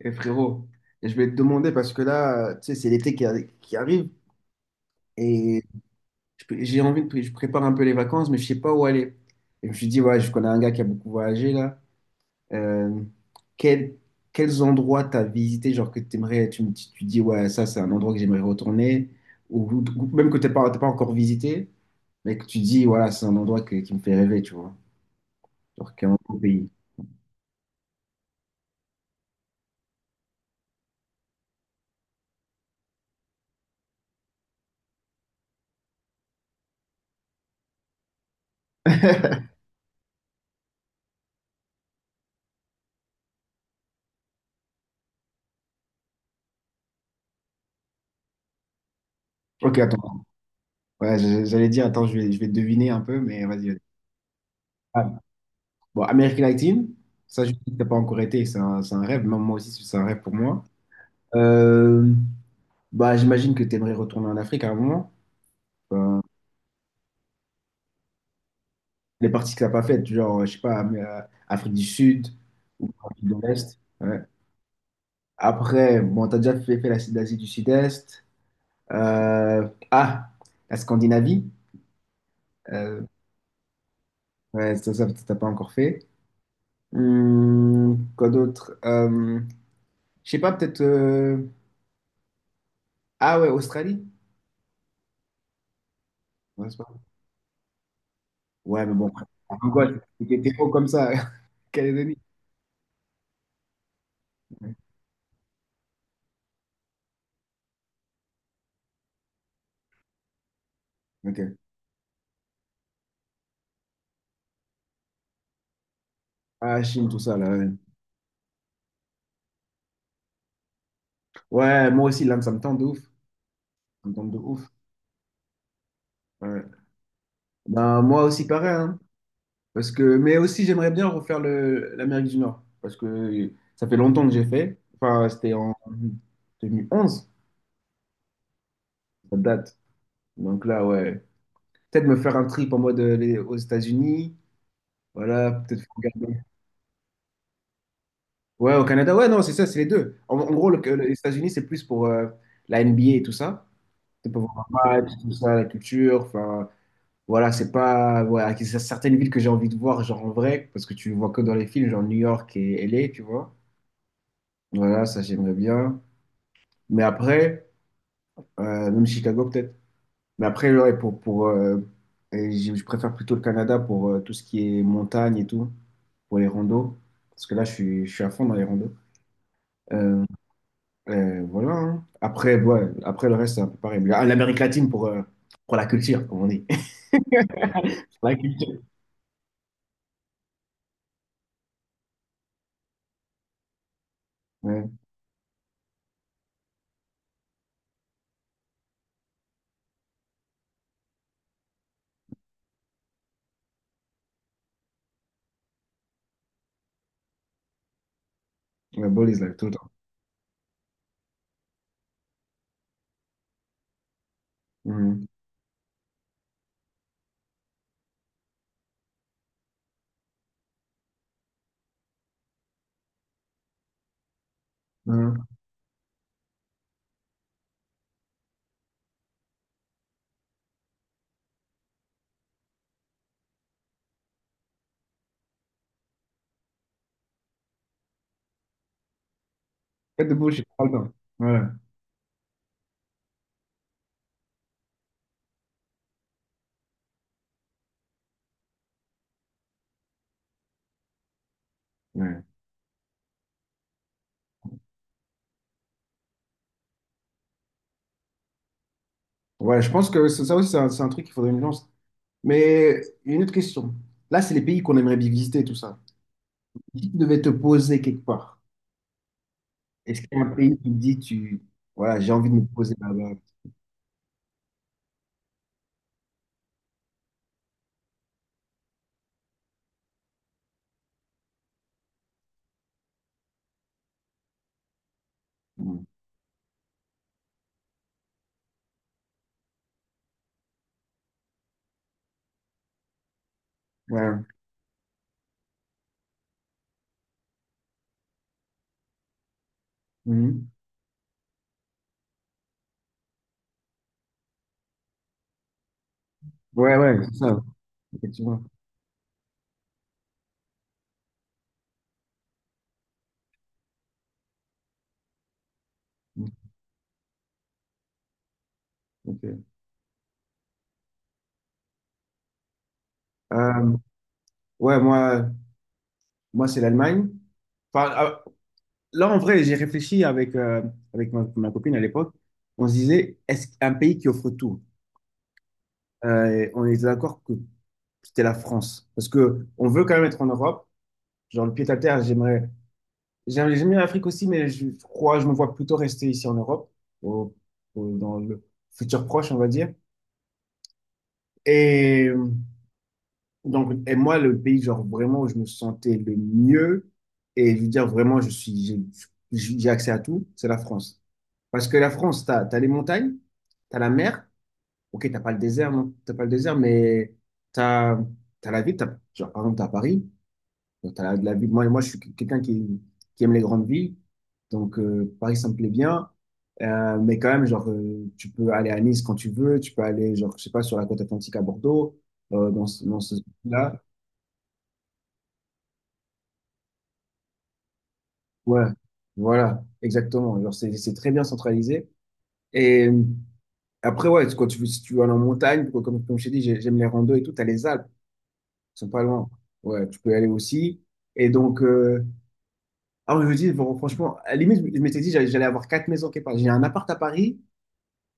Et frérot, et je vais te demander parce que là, tu sais, c'est l'été qui arrive et j'ai envie de, je prépare un peu les vacances, mais je sais pas où aller. Et je me suis dit, ouais, je connais un gars qui a beaucoup voyagé là. Euh, quel- Quels endroits t'as visité, genre que t'aimerais, tu dis, ouais, ça c'est un endroit que j'aimerais retourner, ou, ou même que t'as pas encore visité, mais que tu dis, voilà, c'est un qui me fait rêver, tu vois. Genre qu'un autre pays. Ok, attends. Ouais, j'allais dire, attends, je vais deviner un peu, mais vas-y, vas-y. Bon, American 19, ça, je sais que t'as pas encore été, c'est un rêve. Même moi aussi, c'est un rêve pour moi. Euh, Bah, j'imagine que tu aimerais retourner en Afrique à un moment. Enfin, les parties que t'as pas faites, genre, je sais pas, mais, Afrique du Sud ou Afrique de l'Est. Ouais. Après, bon, t'as déjà fait l'Asie du Sud-Est. Euh, ah, la Scandinavie. Euh, ouais, ça, t'as pas encore fait. Quoi d'autre? Je sais pas, peut-être. Ah ouais, Australie. Ouais, c'est pas- Ouais, mais bon, en pourquoi c'était des mots comme ça, Calédonie. Ouais. Ok. Ah, Chine, tout ça, là. Ouais, ouais, moi aussi, là, ça me tente de ouf. Ça me tente de ouf. Ouais. Ben, moi aussi, pareil. Hein. Parce que... Mais aussi, j'aimerais bien refaire le... l'Amérique du Nord. Parce que ça fait longtemps que j'ai fait. Enfin, c'était en 2011, ça date. Donc là, ouais. Peut-être me faire un trip en mode aux États-Unis. Voilà, peut-être regarder. Ouais, au Canada. Ouais, non, c'est ça, c'est les deux. En gros, les États-Unis, c'est plus pour la NBA et tout ça. C'est pour voir un match, tout ça, la culture. Enfin, voilà, c'est pas. Voilà, c'est certaines villes que j'ai envie de voir, genre en vrai, parce que tu le vois que dans les films, genre New York et LA, tu vois. Voilà, ça, j'aimerais bien. Mais après, même Chicago, peut-être. Mais après, ouais, et je préfère plutôt le Canada pour tout ce qui est montagne et tout, pour les randos. Parce que là, je suis à fond dans les randos. Euh, voilà. Hein. Après, ouais, après, le reste, c'est un peu pareil. Mais, ah, l'Amérique latine pour la culture, comme on dit. Pour la culture. Ouais. La police, like, tout le temps. Mhm. Mhm. Tête de bouche, j'ai pas le temps. Ouais. Ouais. Ouais, je pense que c'est ça aussi, c'est un truc qu'il faudrait une lance. Mais une autre question. Là, c'est les pays qu'on aimerait bien visiter, tout ça. Si tu devais te poser quelque part, est-ce qu'il y a un pays qui te dit, tu... voilà, j'ai envie de me poser là-bas? Mhm. Ouais. Mhm. Ouais, ouais, c'est ça, effectivement. Mhm. Ok. Euh, ouais, moi c'est l'Allemagne. Enfin, ah, là, en vrai, j'ai réfléchi avec, avec ma copine à l'époque. On se disait, est-ce qu'un pays qui offre tout? On était d'accord que c'était la France. Parce que on veut quand même être en Europe. Genre, le pied à terre, j'aimerais. J'aime bien l'Afrique aussi, mais je crois, je me vois plutôt rester ici en Europe, au- dans le futur proche, on va dire. Et. Donc, et moi, le pays, genre, vraiment, où je me sentais le mieux, et je veux dire, vraiment, je suis, j'ai accès à tout, c'est la France. Parce que la France, t'as les montagnes, t'as la mer, ok, t'as pas le désert, non, t'as pas le désert, mais t'as, t'as la ville, t'as, genre, par exemple, t'as Paris, donc la ville, moi, je suis quelqu'un qui aime les grandes villes, donc Paris, ça me plaît bien. Mais quand même, tu peux aller à Nice quand tu veux, tu peux aller, genre, je sais pas, sur la côte atlantique à Bordeaux, dans ce là. Ouais, voilà, exactement. Genre, c'est très bien centralisé. Et après, ouais, quand tu, si tu vas en montagne, quoi, comme je t'ai dit, j'aime les randos et tout, t'as les Alpes, ils sont pas loin. Ouais, tu peux y aller aussi. Et donc, je me dis, bon, franchement, à la limite, je m'étais dit, j'allais avoir 4 maisons quelque part. J'ai un appart à Paris,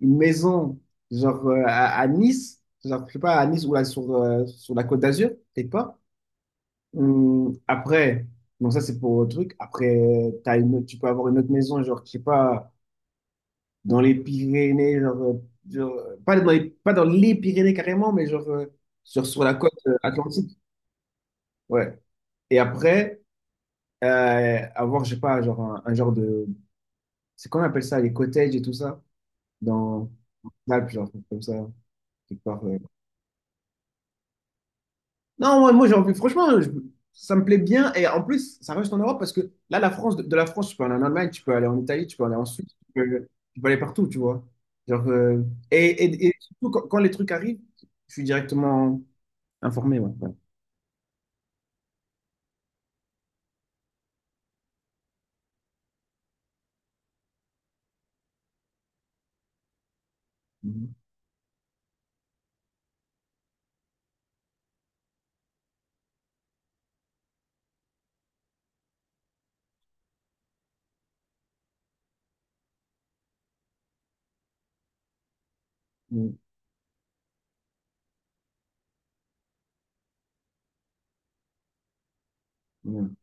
une maison, à Nice, genre, je sais pas, à Nice ou là, sur la Côte d'Azur, peut-être pas. Après, bon, ça, c'est pour le truc. Après, tu peux avoir une autre maison, genre, je sais pas dans les Pyrénées, pas dans les, pas dans les Pyrénées carrément, mais sur la côte atlantique. Ouais. Et après, avoir, je sais pas, un genre de. C'est qu'on appelle ça, les cottages et tout ça, dans l'Alpe, genre, comme ça, quelque part, ouais. Non, moi j'ai envie, franchement, je- ça me plaît bien. Et en plus, ça reste en Europe parce que là, de la France, tu peux aller en Allemagne, tu peux aller en Italie, tu peux aller en Suisse, tu peux aller partout, tu vois. Genre, euh, et surtout, quand les trucs arrivent, je suis directement. Informé, ouais. Ouais. Mhm. Mhm. Mhm.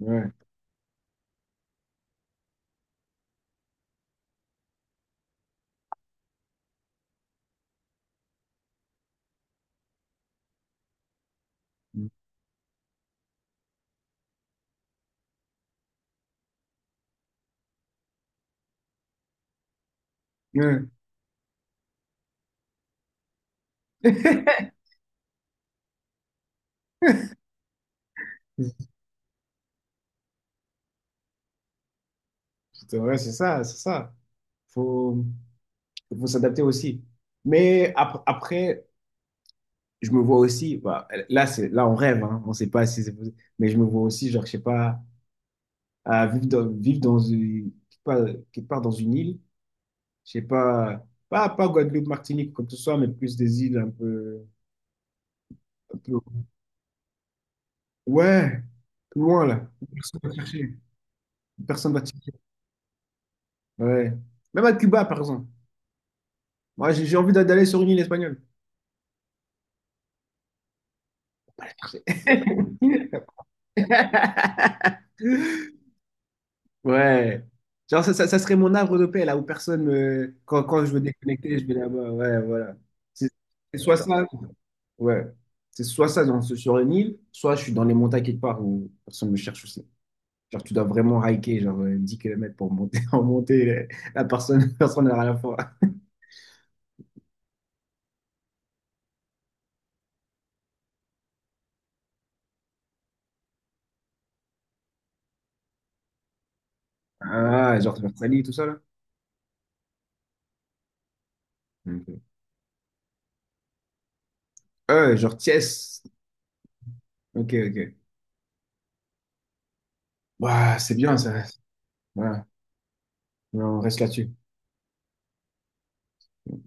Ouais. Mhm. Ouais. C'est vrai, c'est ça, c'est ça. Faut, faut s'adapter aussi. Mais après, je me vois aussi, bah, là, c'est, là, on rêve, hein, on sait pas si c'est possible, mais je me vois aussi, genre, je sais pas, à vivre dans une, quelque part dans une île, je sais pas, pas Guadeloupe, Martinique, comme que ce soit, mais plus des îles un peu, ouais, plus loin, là. Personne va te chercher. Personne va te chercher. Ouais. Même à Cuba, par exemple. Moi, j'ai d'aller sur une île espagnole. Ouais. Genre, ça serait mon arbre de paix, là où personne me... quand je veux déconnecter, je vais là-bas. Ouais, voilà. C'est c'est soit ça. Ouais. C'est soit ça, sur une île, soit je suis dans les montagnes quelque part où personne me cherche aussi. Genre, tu dois vraiment hiker, 10 km pour monter, en monter. La personne, personne n'a rien à faire. Ah, genre, vers Sali, tout ça, là. Ok. Genre, Thiès. Ok, ok. Bah, c'est bien, ça. Voilà. On reste là-dessus.